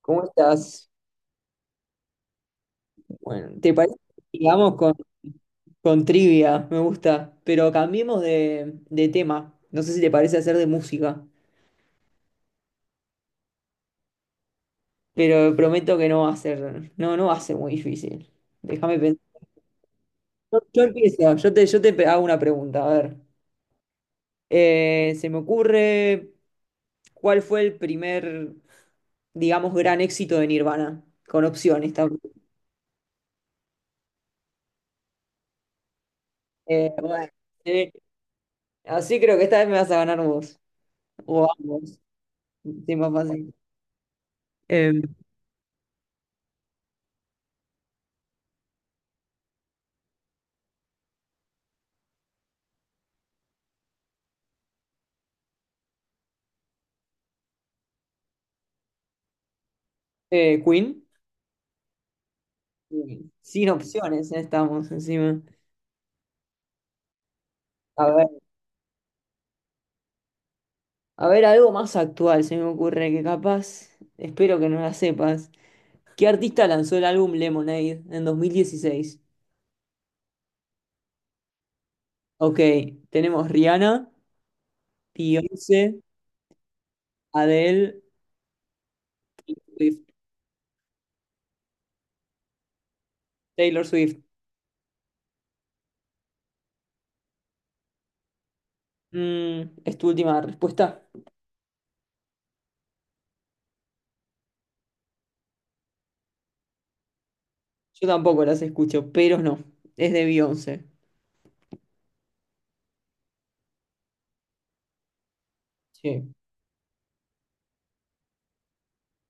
¿Cómo estás? Bueno, ¿te parece que sigamos con trivia? Me gusta, pero cambiemos de tema. No sé si te parece hacer de música, pero prometo que no va a ser muy difícil. Déjame pensar. Yo empiezo, hago una pregunta, a ver. Se me ocurre, ¿cuál fue el primer, digamos, gran éxito de Nirvana? Con opciones, está. Bueno, sí. Así creo que esta vez me vas a ganar vos. O ambos. Sí, más fácil. Em, Queen. Sí. Sin opciones, estamos encima. A ver, a ver, algo más actual se me ocurre que capaz, espero que no la sepas. ¿Qué artista lanzó el álbum Lemonade en 2016? Ok, tenemos Rihanna, Beyoncé, Adele, Swift, Taylor Swift. Mm, ¿es tu última respuesta? Yo tampoco las escucho, pero no. Es de Beyoncé. Sí.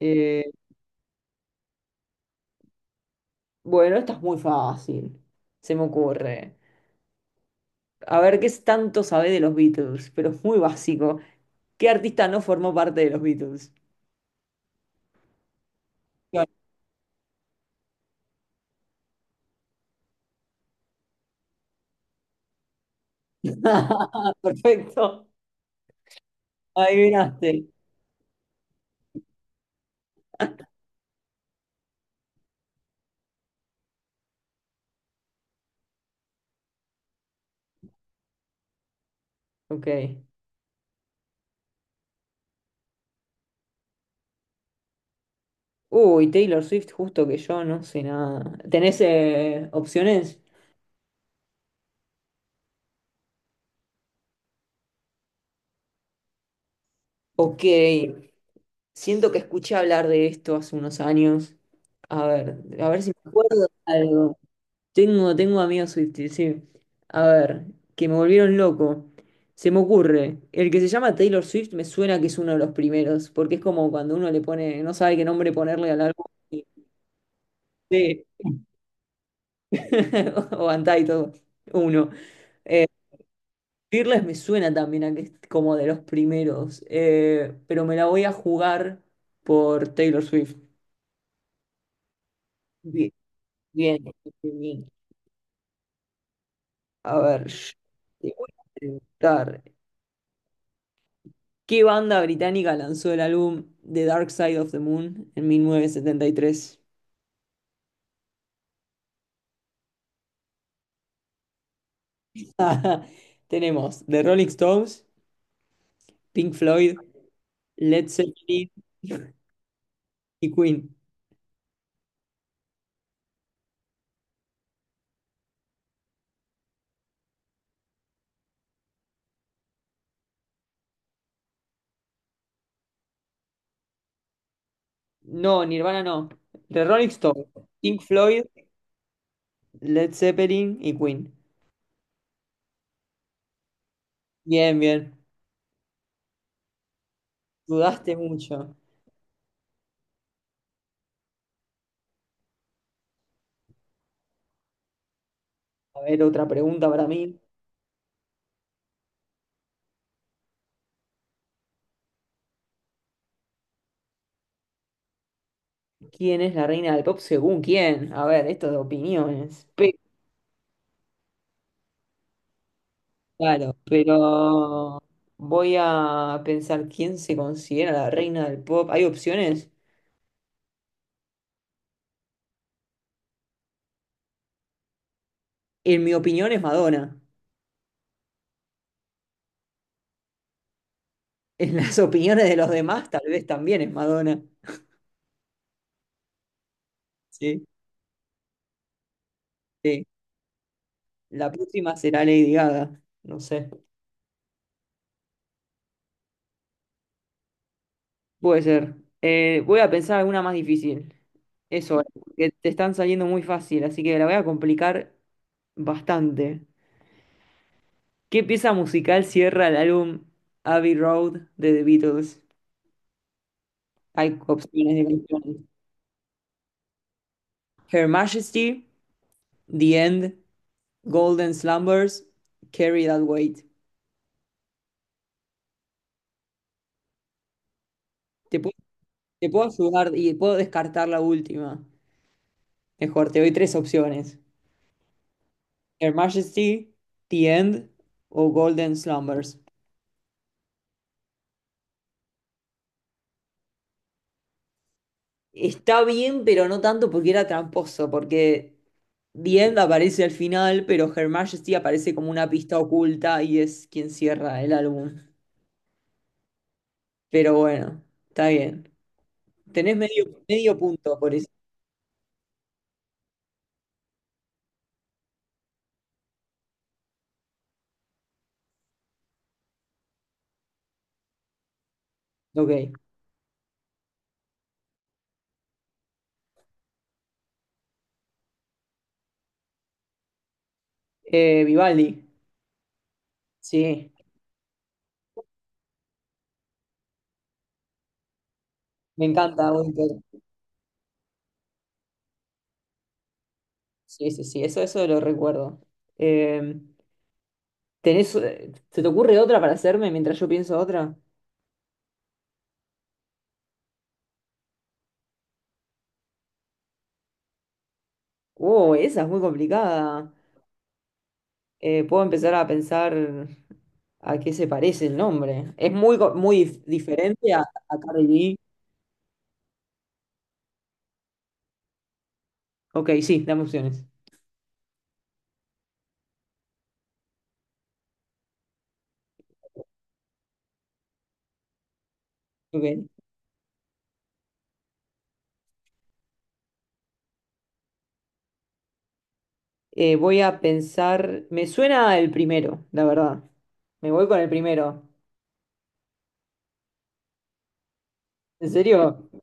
Eh, bueno, esta es muy fácil. Se me ocurre. A ver qué es tanto sabe de los Beatles, pero es muy básico. ¿Qué artista no formó parte de los Beatles? Claro. Perfecto. Adivinaste. Ok. Uy, Taylor Swift, justo que yo no sé nada. ¿Tenés opciones? Ok. Siento que escuché hablar de esto hace unos años. A ver si me acuerdo de algo. Tengo amigos Swifties, sí. A ver, que me volvieron loco. Se me ocurre, el que se llama Taylor Swift me suena que es uno de los primeros, porque es como cuando uno le pone, no sabe qué nombre ponerle al álbum. y- Sí. O Untitled, uno. Eh, Fearless me suena también a que es como de los primeros, pero me la voy a jugar por Taylor Swift. Bien, bien, bien. A ver, yo te voy a preguntar. ¿Qué banda británica lanzó el álbum The Dark Side of the Moon en 1973? Tenemos The Rolling Stones, Pink Floyd, Led Zeppelin y Queen. No, Nirvana no. The Rolling Stones, Pink Floyd, Led Zeppelin y Queen. Bien, bien. Dudaste mucho. A ver, otra pregunta para mí. ¿Quién es la reina del pop según quién? A ver, esto de opiniones. Claro, pero voy a pensar quién se considera la reina del pop. ¿Hay opciones? En mi opinión es Madonna. En las opiniones de los demás tal vez también es Madonna. Sí. Sí. La próxima será Lady Gaga. No sé. Puede ser. Voy a pensar alguna más difícil. Eso, que te están saliendo muy fácil, así que la voy a complicar bastante. ¿Qué pieza musical cierra el álbum Abbey Road de The Beatles? Hay opciones de canciones. Her Majesty, The End, Golden Slumbers, Carry That Weight. Te puedo, te puedo ayudar y puedo descartar la última. Mejor, te doy tres opciones. Her Majesty, The End o Golden Slumbers. Está bien, pero no tanto porque era tramposo, porque The End aparece al final, pero Her Majesty aparece como una pista oculta y es quien cierra el álbum. Pero bueno, está bien. Tenés medio, medio punto por eso. Ok. Vivaldi. Sí, me encanta Winter. Sí, sí, sí, eso lo recuerdo. Eh, ¿Se te ocurre otra para hacerme mientras yo pienso otra? Oh, esa es muy complicada. Puedo empezar a pensar a qué se parece el nombre. Es muy diferente a Cardi B. Ok, sí, dame opciones. Ok. Voy a pensar. Me suena el primero, la verdad. Me voy con el primero. ¿En serio?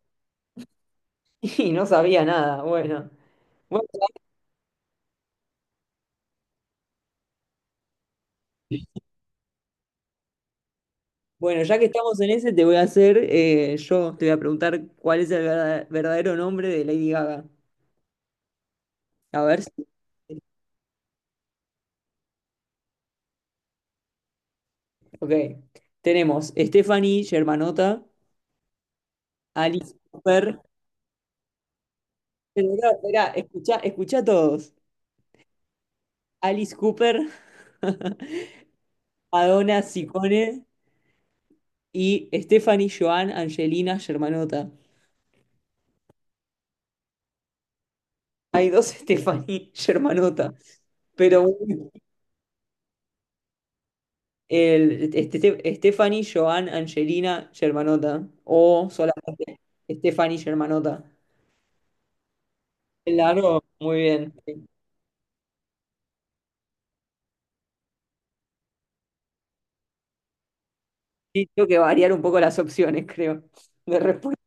Y no sabía nada. Bueno. Bueno, Bueno, ya que estamos en ese, te voy a hacer, yo te voy a preguntar cuál es el verdadero nombre de Lady Gaga. A ver si... Ok. Tenemos Stephanie Germanota, Alice Cooper. Espera, espera, escucha, escucha a todos. Alice Cooper, Madonna Sicone y Stephanie Joan Angelina Germanota. Hay dos Stephanie Germanota, pero bueno, el, este, Stephanie, Joan, Angelina, Germanota. O solamente Stephanie Germanota. Claro, muy bien. Sí, tengo que variar un poco las opciones, creo, de respuesta.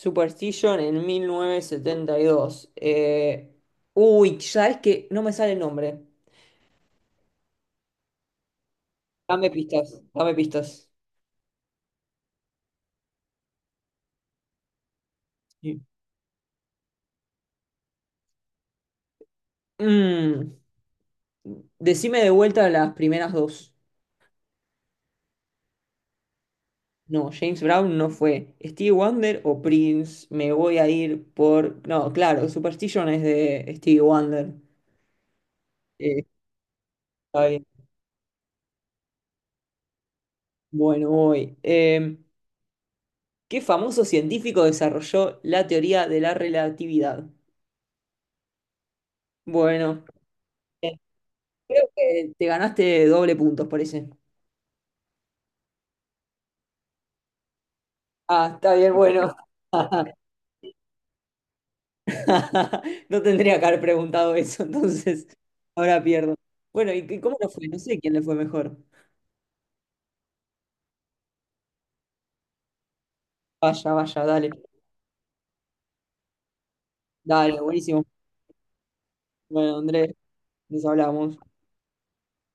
Superstition en 1972. Uy, ¿sabes qué? No me sale el nombre. Dame pistas, dame pistas. Sí. Mm, Decime de vuelta las primeras dos. No, James Brown no fue. Stevie Wonder o Prince, me voy a ir por— No, claro, Superstition es de Stevie Wonder. Eh, Está bien. Bueno, voy. ¿Qué famoso científico desarrolló la teoría de la relatividad? Bueno, bien. Creo que te ganaste doble puntos por ese. Ah, está bien, bueno. No tendría que haber preguntado eso, entonces ahora pierdo. Bueno, cómo no fue? No sé quién le fue mejor. Vaya, vaya, dale. Dale, buenísimo. Bueno, Andrés, nos hablamos.